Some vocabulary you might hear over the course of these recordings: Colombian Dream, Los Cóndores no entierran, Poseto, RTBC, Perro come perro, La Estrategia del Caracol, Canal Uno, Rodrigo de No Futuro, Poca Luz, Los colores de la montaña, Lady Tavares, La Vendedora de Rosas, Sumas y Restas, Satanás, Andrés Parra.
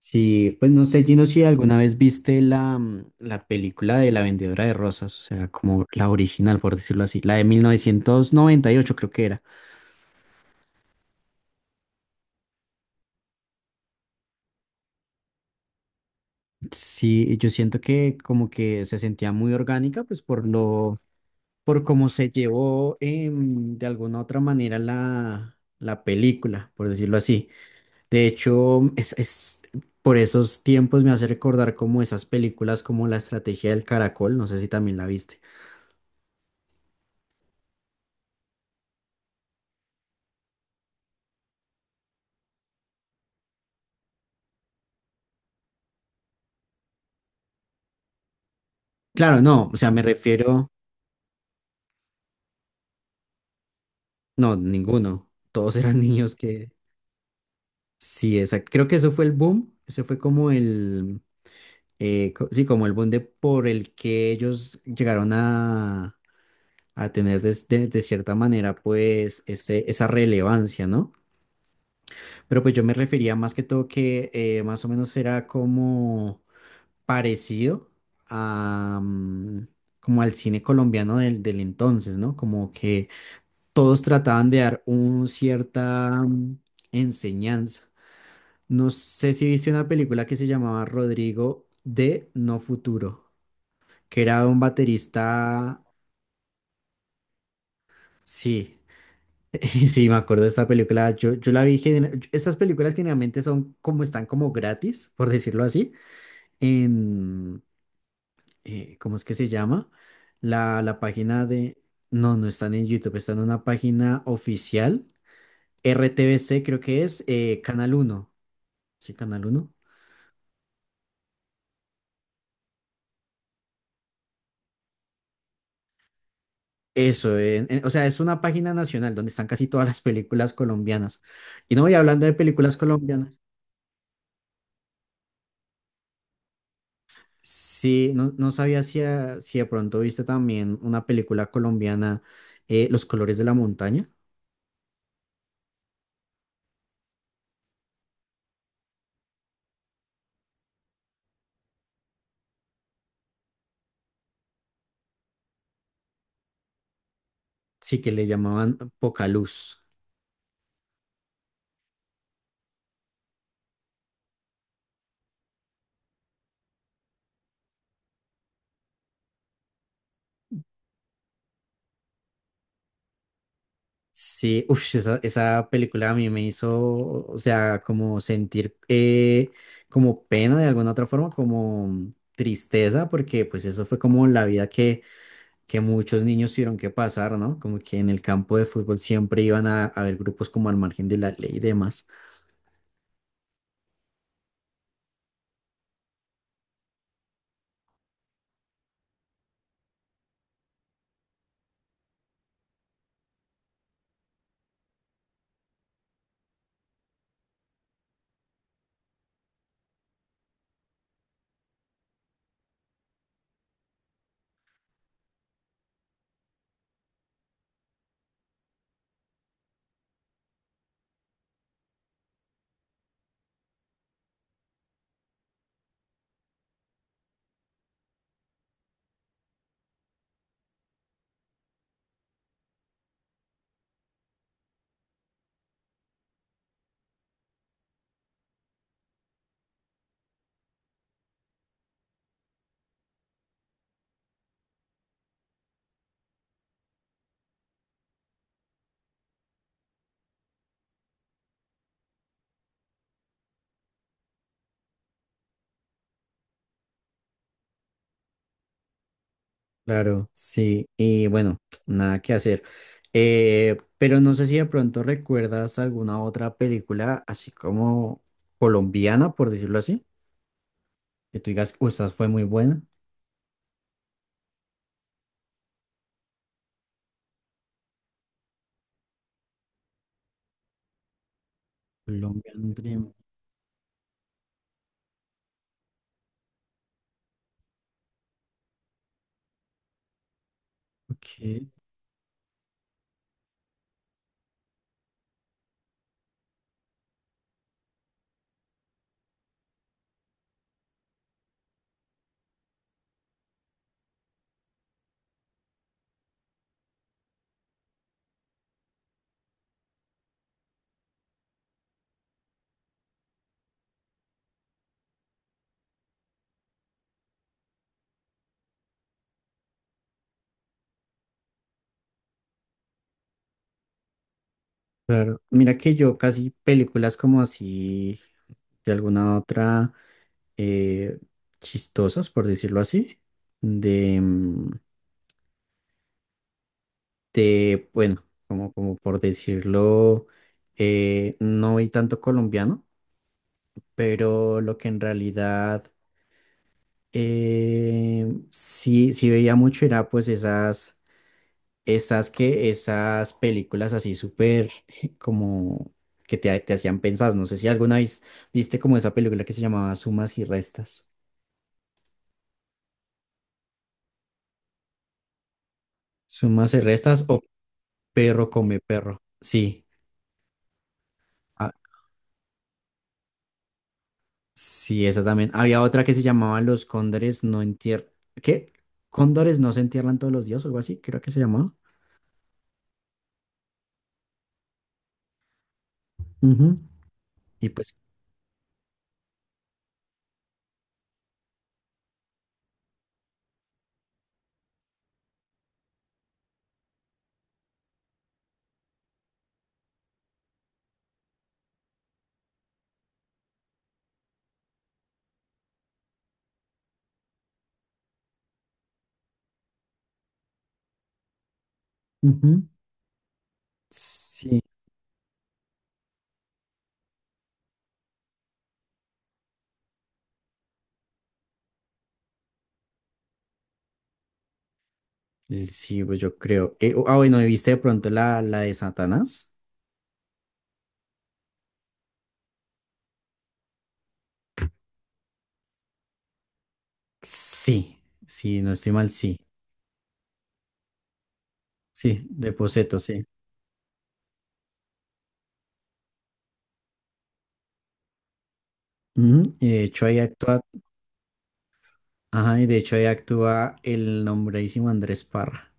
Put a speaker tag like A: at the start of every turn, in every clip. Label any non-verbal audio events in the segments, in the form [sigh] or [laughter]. A: Sí, pues no sé, Gino, si alguna vez viste la película de La Vendedora de Rosas, o sea, como la original, por decirlo así, la de 1998, creo que era. Sí, yo siento que como que se sentía muy orgánica, pues por cómo se llevó de alguna otra manera la película, por decirlo así. De hecho, es, por esos tiempos me hace recordar como esas películas como La Estrategia del Caracol, no sé si también la viste. Claro, no, o sea, me refiero. No, ninguno. Todos eran [laughs] niños que. Sí, exacto. Creo que eso fue el boom. Ese fue como el. Sí, como el boom de por el que ellos llegaron a tener de cierta manera, pues, esa relevancia, ¿no? Pero pues yo me refería más que todo que más o menos era como parecido a, como al cine colombiano del entonces, ¿no? Como que todos trataban de dar un cierta enseñanza. No sé si viste una película que se llamaba Rodrigo de No Futuro, que era un baterista. Sí, [laughs] sí, me acuerdo de esta película. Yo la vi. Estas películas generalmente son como están como gratis, por decirlo así, en. ¿Cómo es que se llama? La página de. No, no están en YouTube, están en una página oficial. RTBC creo que es Canal Uno. Sí, ¿Canal Uno? Eso, o sea, es una página nacional donde están casi todas las películas colombianas. Y no voy hablando de películas colombianas. Sí, no, no sabía si, si de pronto viste también una película colombiana, Los colores de la montaña. Sí, que le llamaban Poca Luz. Sí, uff, esa película a mí me hizo, o sea, como sentir como pena de alguna otra forma, como tristeza, porque pues eso fue como la vida que muchos niños tuvieron que pasar, ¿no? Como que en el campo de fútbol siempre iban a haber grupos como al margen de la ley y demás. Claro, sí, y bueno, nada que hacer. Pero no sé si de pronto recuerdas alguna otra película así como colombiana, por decirlo así, que tú digas, o esta fue muy buena. Colombian Dream, ok. Claro, mira que yo casi películas como así de alguna otra. eh, Chistosas, por decirlo así, de, mm, bueno, como por decirlo, no vi tanto colombiano, pero lo que en realidad sí, sí veía mucho era pues esas, esas películas así súper [laughs] como que te hacían pensar, no sé si alguna vez viste como esa película que se llamaba Sumas y Restas o Perro come perro, sí. Ah, sí, esa también. Había otra que se llamaba Los Cóndores no entierran. ¿Qué? ¿Cóndores no se entierran todos los días o algo así? Creo que se llamaba. Ujú. Y pues. Ujú. Sí. Sí, pues yo creo. Ah, bueno, ¿y viste de pronto la de Satanás? Sí, sí, no estoy mal, sí. Sí, de Poseto, sí. Ujú. Y de hecho ahí actúa, ajá, y de hecho ahí actúa el nombradísimo Andrés Parra.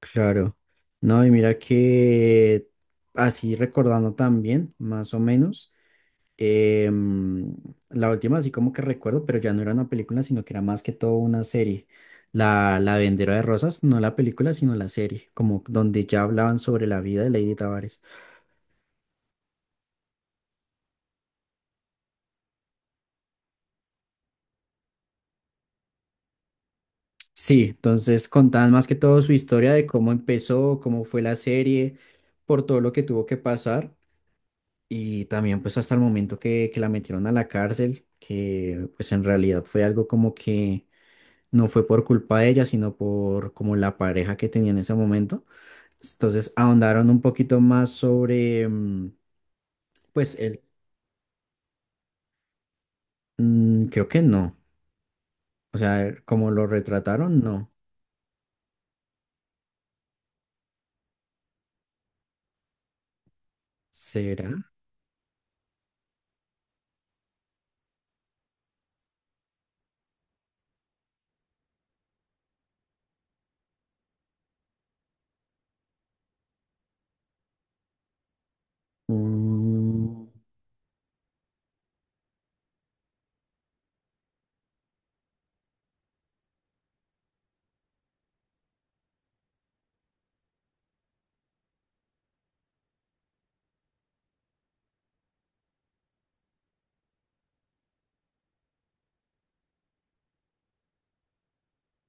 A: Claro. No, y mira que así recordando también, más o menos, em, la última así como que recuerdo, pero ya no era una película, sino que era más que todo una serie. La Vendedora de Rosas, no la película, sino la serie, como donde ya hablaban sobre la vida de Lady Tavares. Sí, entonces contaban más que todo su historia de cómo empezó, cómo fue la serie, por todo lo que tuvo que pasar. Y también pues hasta el momento que la metieron a la cárcel, que pues en realidad fue algo como que no fue por culpa de ella, sino por como la pareja que tenía en ese momento. Entonces ahondaron un poquito más sobre, pues él, creo que no. O sea, como lo retrataron, no. ¿Será? Mm,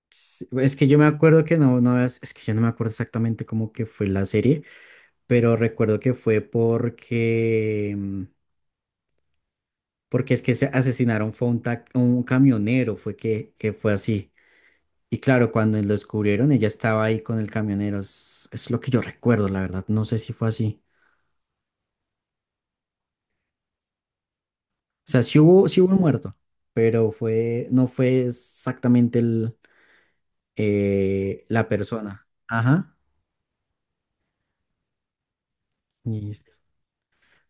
A: sí, es que yo me acuerdo que no, no, es que yo no me acuerdo exactamente cómo que fue la serie, pero recuerdo que fue porque es que se asesinaron fue un camionero, fue que fue así. Y claro, cuando lo descubrieron, ella estaba ahí con el camionero. Es lo que yo recuerdo, la verdad. No sé si fue así. O sea, sí hubo un muerto, pero fue, no fue exactamente la persona. Ajá. Listo.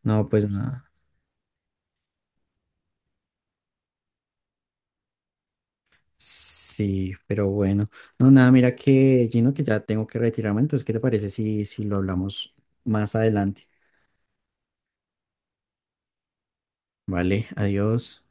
A: No, pues nada. Sí, pero bueno. No, nada, mira que, Gino, que ya tengo que retirarme. Entonces, ¿qué te parece si lo hablamos más adelante? Vale, adiós.